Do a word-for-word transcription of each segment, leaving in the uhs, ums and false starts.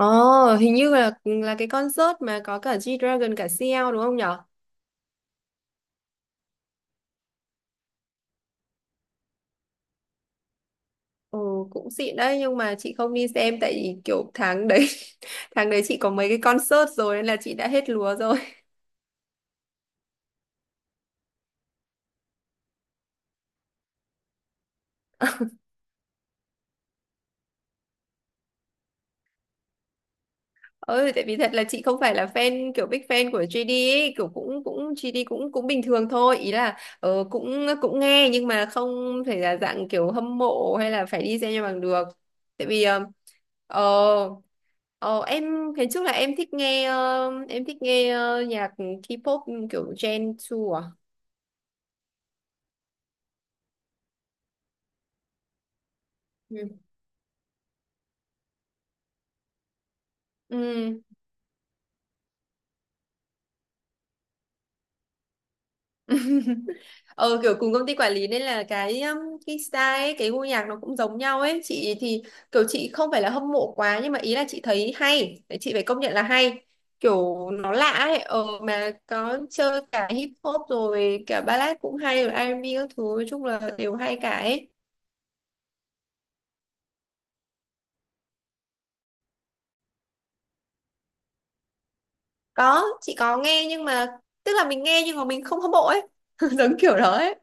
Ồ, hình như là là cái concert mà có cả G-Dragon cả si eo đúng không nhở? Ồ, cũng xịn đấy nhưng mà chị không đi xem tại vì kiểu tháng đấy tháng đấy chị có mấy cái concert rồi nên là chị đã hết lúa rồi. Ừ, tại vì thật là chị không phải là fan kiểu big fan của giê đê ấy, kiểu cũng cũng giê đê cũng cũng bình thường thôi, ý là ờ, cũng cũng nghe nhưng mà không thể là dạng kiểu hâm mộ hay là phải đi xem cho bằng được. Tại vì ờ ờ, ờ, em ngày trước là em thích nghe ờ, em thích nghe ờ, nhạc K-pop kiểu Gen hai à? Ừ. Ừ. ờ kiểu cùng công ty quản lý nên là cái um, cái style ấy, cái gu nhạc nó cũng giống nhau ấy. Chị thì kiểu chị không phải là hâm mộ quá nhưng mà ý là chị thấy hay. Đấy, chị phải công nhận là hay, kiểu nó lạ ấy. ờ mà có chơi cả hip hop rồi cả ballad cũng hay, rồi rờ en bê các thứ, nói chung là đều hay cả ấy. Có, chị có nghe nhưng mà tức là mình nghe nhưng mà mình không hâm mộ ấy, giống kiểu đó ấy.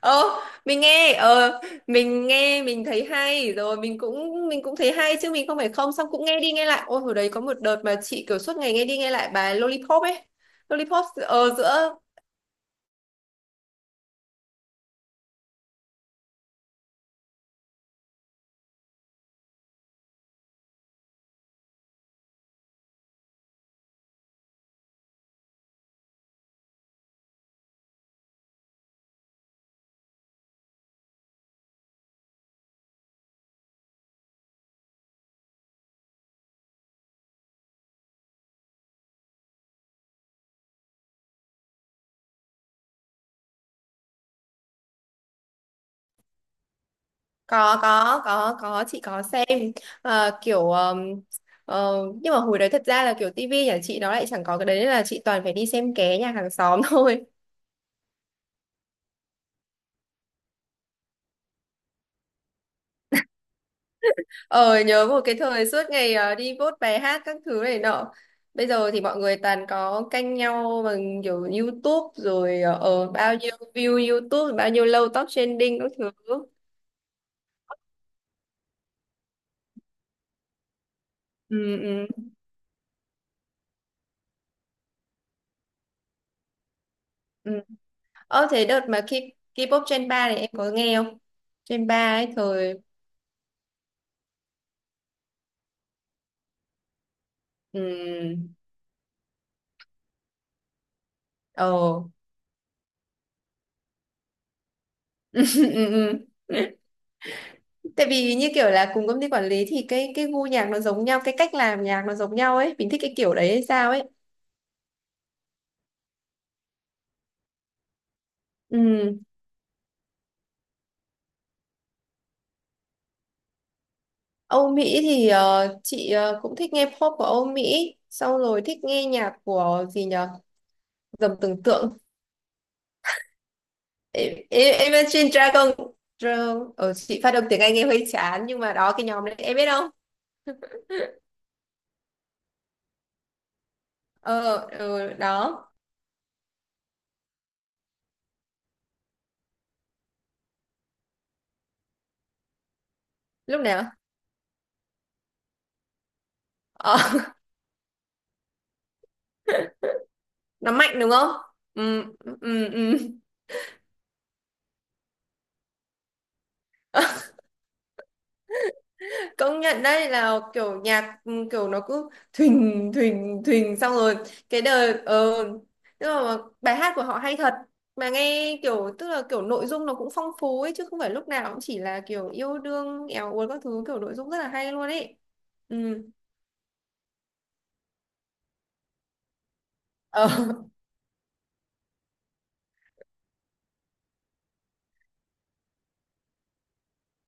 ờ mình nghe ờ mình nghe mình thấy hay rồi mình cũng mình cũng thấy hay chứ mình không phải không. Xong cũng nghe đi nghe lại, ôi hồi đấy có một đợt mà chị kiểu suốt ngày nghe đi nghe lại bài Lollipop ấy. Lollipop. Ờ, giữa. có có có có chị có xem. Ờ, kiểu ờm, ờ, nhưng mà hồi đấy thật ra là kiểu tivi nhà chị nó lại chẳng có cái đấy nên là chị toàn phải đi xem ké nhà hàng xóm thôi. Ờ, nhớ một cái thời suốt ngày ờ, đi vote bài hát các thứ này nọ. Bây giờ thì mọi người toàn có canh nhau bằng kiểu YouTube rồi, ờ ờ, bao nhiêu view YouTube, bao nhiêu lâu top trending các thứ. Ừ, ừ, ừ. Ờ, thế đợt mà K- K-pop Gen ba này em có nghe không? Gen ba ấy thời. Ừ. Ờ. Ừ, ừ. Tại vì như kiểu là cùng công ty quản lý thì cái cái gu nhạc nó giống nhau, cái cách làm nhạc nó giống nhau ấy, mình thích cái kiểu đấy hay sao ấy. Ừ. Âu Mỹ thì ờ, chị ờ, cũng thích nghe pop của Âu Mỹ, xong rồi thích nghe nhạc của gì nhở, dầm tưởng tượng, I- I- Imagine Dragon. Dragon, ờ, chị phát âm tiếng Anh nghe hơi chán nhưng mà đó, cái nhóm đấy em biết không? Ờ. Ờ, đó. Lúc nào? Ờ. Nó mạnh đúng không? Ừ. Ừ. Ừ. Công nhận đấy là kiểu nhạc, ừ, kiểu nó cứ thình thình thình xong rồi cái đời. ờ Tức là bài hát của họ hay thật, mà nghe kiểu, tức là kiểu nội dung nó cũng phong phú ấy, chứ không phải lúc nào cũng chỉ là kiểu yêu đương éo uốn các thứ, kiểu nội dung rất là hay luôn ấy. Ừ. Ờ.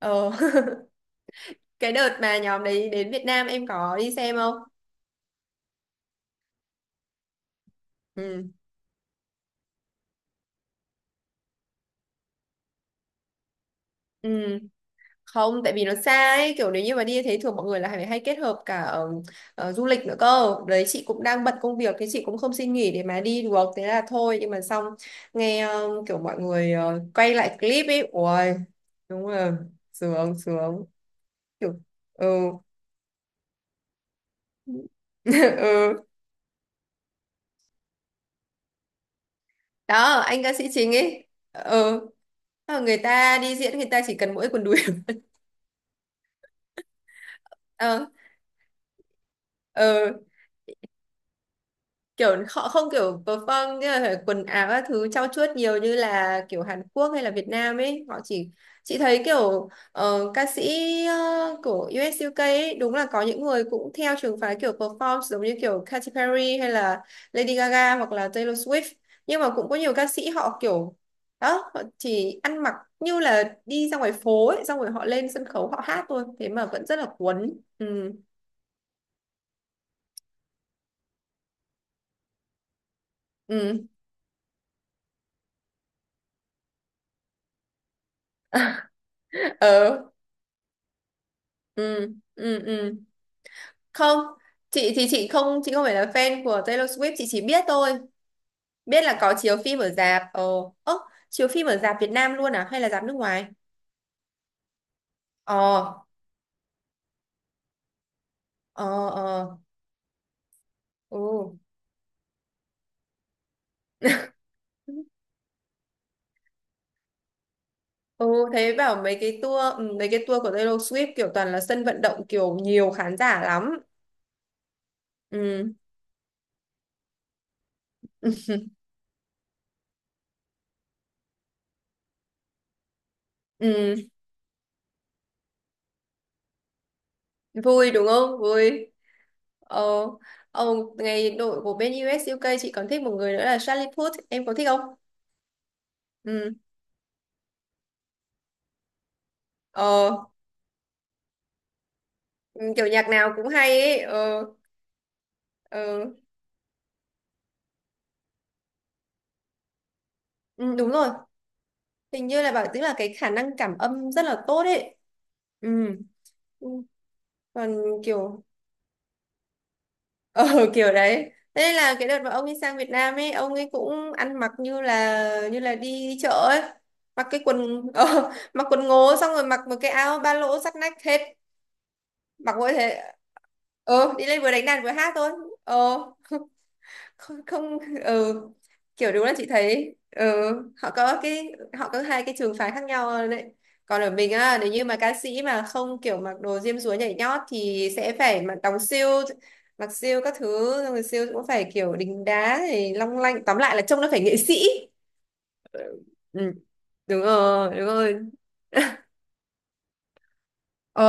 Ờ. Cái đợt mà nhóm đấy đến Việt Nam em có đi xem không? Ừ. Ừ, không, tại vì nó xa ấy, kiểu nếu như mà đi thế thường mọi người là phải hay kết hợp cả ờ, ờ, du lịch nữa cơ, đấy chị cũng đang bận công việc, thế chị cũng không xin nghỉ để mà đi được, thế là thôi. Nhưng mà xong nghe ờ, kiểu mọi người ờ, quay lại clip ấy, ui đúng là sướng sướng kiểu. Ừ. Ừ. Đó anh ca sĩ chính ấy. Ừ. Ờ, người ta đi diễn người ta chỉ cần mỗi quần đùi. Ờ. Ừ. Kiểu họ không kiểu perform như là quần áo các thứ trau chuốt nhiều như là kiểu Hàn Quốc hay là Việt Nam ấy, họ chỉ. Chị thấy kiểu ờ, ca sĩ ờ, của iu ét u ca ấy, đúng là có những người cũng theo trường phái kiểu perform giống như kiểu Katy Perry hay là Lady Gaga hoặc là Taylor Swift, nhưng mà cũng có nhiều ca sĩ họ kiểu đó, họ chỉ ăn mặc như là đi ra ngoài phố ấy, xong rồi họ lên sân khấu họ hát thôi, thế mà vẫn rất là cuốn. Ừ. Ừ. Ờ. Ừ. Ừ. Ừ. Không, chị thì chị không chị không phải là fan của Taylor Swift, chị chỉ biết thôi, biết là có chiếu phim ở rạp. Ồ, ơ, chiếu phim ở rạp Việt Nam luôn à hay là rạp nước ngoài? Ờ. Ờ. Ờ. Ừ. Ừ. Thế bảo mấy cái tour, ừ, mấy cái tour của Taylor Swift kiểu toàn là sân vận động, kiểu nhiều khán giả lắm. Ừ. Ừ. Vui đúng không, vui. Ờ. Ờ. Ngày đội của bên u ét u ca chị còn thích một người nữa là Charlie Puth, em có thích không? Ừ. Ờ. Ừ, kiểu nhạc nào cũng hay ấy. Ờ. Ờ. Ừ, đúng rồi. Hình như là bảo tức là cái khả năng cảm âm rất là tốt ấy. Ừ. Ừ. Còn kiểu. Ờ. Kiểu đấy, thế nên là cái đợt mà ông ấy sang Việt Nam ấy, ông ấy cũng ăn mặc như là như là đi chợ ấy, mặc cái quần ờ, mặc quần ngố xong rồi mặc một cái áo ba lỗ sát nách hết, mặc mỗi thế. Ờ, đi lên vừa đánh đàn vừa hát thôi. Ờ. Không, không. Ừ. Kiểu đúng là chị thấy, ừ, họ có cái, họ có hai cái trường phái khác nhau đấy. Còn ở mình á, nếu như mà ca sĩ mà không kiểu mặc đồ diêm dúa nhảy nhót thì sẽ phải mặc đóng siêu, mặc siêu các thứ, xong rồi siêu cũng phải kiểu đính đá thì long lanh, tóm lại là trông nó phải nghệ sĩ. Ừ. Đúng rồi, đúng rồi. Ồ,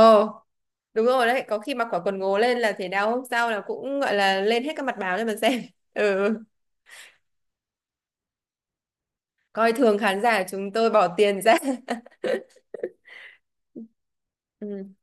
đúng rồi đấy, có khi mặc quả quần ngố lên là thể đau hôm sau là cũng gọi là lên hết các mặt báo cho mình xem. Ừ. Coi thường khán giả, chúng tôi bỏ tiền ra. Ừ.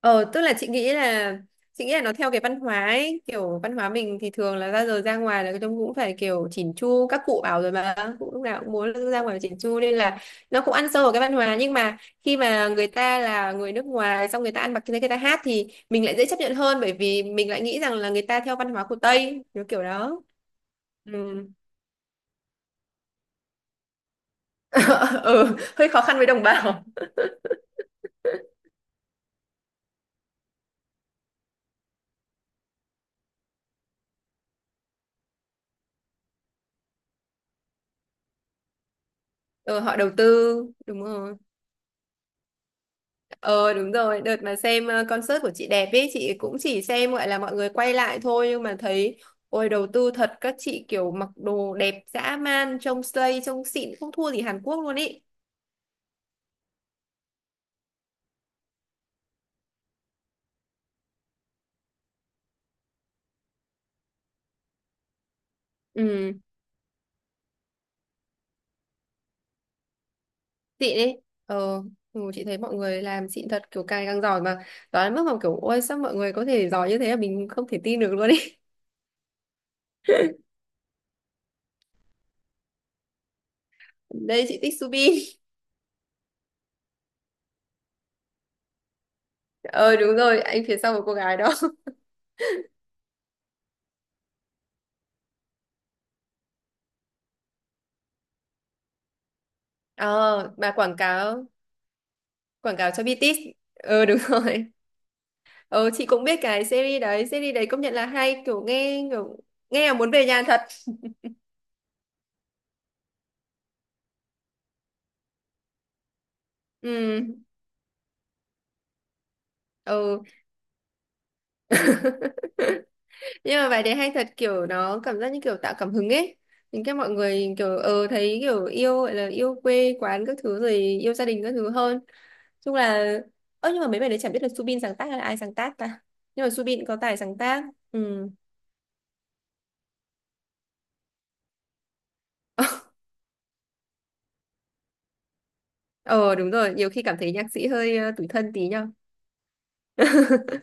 ờ Tức là chị nghĩ là chị nghĩ là nó theo cái văn hóa ấy, kiểu văn hóa mình thì thường là ra giờ ra ngoài là trông cũng phải kiểu chỉn chu, các cụ bảo rồi mà, cũng lúc nào cũng muốn ra ngoài chỉn chu nên là nó cũng ăn sâu vào cái văn hóa. Nhưng mà khi mà người ta là người nước ngoài, xong người ta ăn mặc như thế, người ta hát thì mình lại dễ chấp nhận hơn, bởi vì mình lại nghĩ rằng là người ta theo văn hóa của Tây kiểu kiểu đó. Ừ. Ừ, hơi khó khăn với đồng bào. Ừ, họ đầu tư, đúng rồi. Ờ đúng rồi, đợt mà xem ờ, concert của chị đẹp ấy, chị cũng chỉ xem gọi là mọi người quay lại thôi, nhưng mà thấy ôi đầu tư thật, các chị kiểu mặc đồ đẹp dã man, trông slay, trông xịn không thua gì Hàn Quốc luôn ý. Ừ, xịn ấy. Ờ, ừ, chị thấy mọi người làm xịn thật, kiểu càng càng giỏi mà đoán đến mức mà kiểu ôi sao mọi người có thể giỏi như thế, là mình không thể tin được luôn ý. Đây chị thích Subin. Ờ đúng rồi, anh phía sau một cô gái đó. Ờ, mà quảng cáo, quảng cáo cho bê tê ét. Ờ, đúng rồi. Ờ, chị cũng biết cái series đấy, series đấy công nhận là hay, kiểu nghe kiểu nghe là muốn về nhà thật. Ừ, ừ. Nhưng mà bài đấy hay thật, kiểu nó cảm giác như kiểu tạo cảm hứng ấy. Những cái mọi người kiểu, ờ, thấy kiểu yêu, gọi là yêu quê quán các thứ rồi yêu gia đình các thứ hơn. Chung là, ơ, nhưng mà mấy bài đấy chẳng biết là Subin sáng tác hay là ai sáng tác ta. Nhưng mà Subin có tài sáng tác. Ừ. Ờ đúng rồi, nhiều khi cảm thấy nhạc sĩ hơi ờ, tủi thân tí nhau.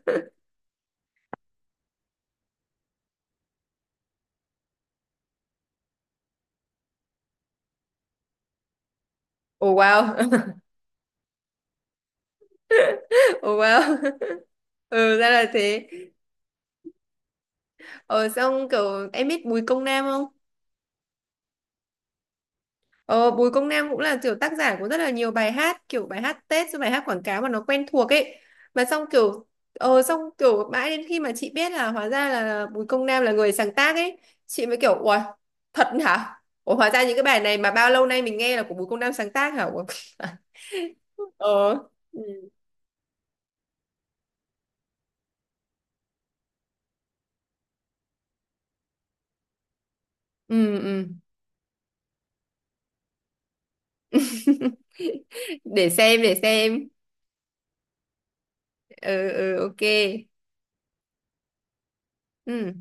Oh wow. Oh wow. Ừ, ra là thế. Ờ, xong kiểu em biết Bùi Công Nam không? Ờ, Bùi Công Nam cũng là kiểu tác giả của rất là nhiều bài hát, kiểu bài hát Tết rồi bài hát quảng cáo mà nó quen thuộc ấy. Mà xong kiểu ờ xong kiểu mãi đến khi mà chị biết là hóa ra là Bùi Công Nam là người sáng tác ấy, chị mới kiểu ủa, thật hả? Ủa, hóa ra những cái bài này mà bao lâu nay mình nghe là của Bùi Công Nam sáng tác hả? Ủa? Ờ. Ừ. Ừ, ừ. Để xem, để xem. Ừ, ừ, ok. Ừ.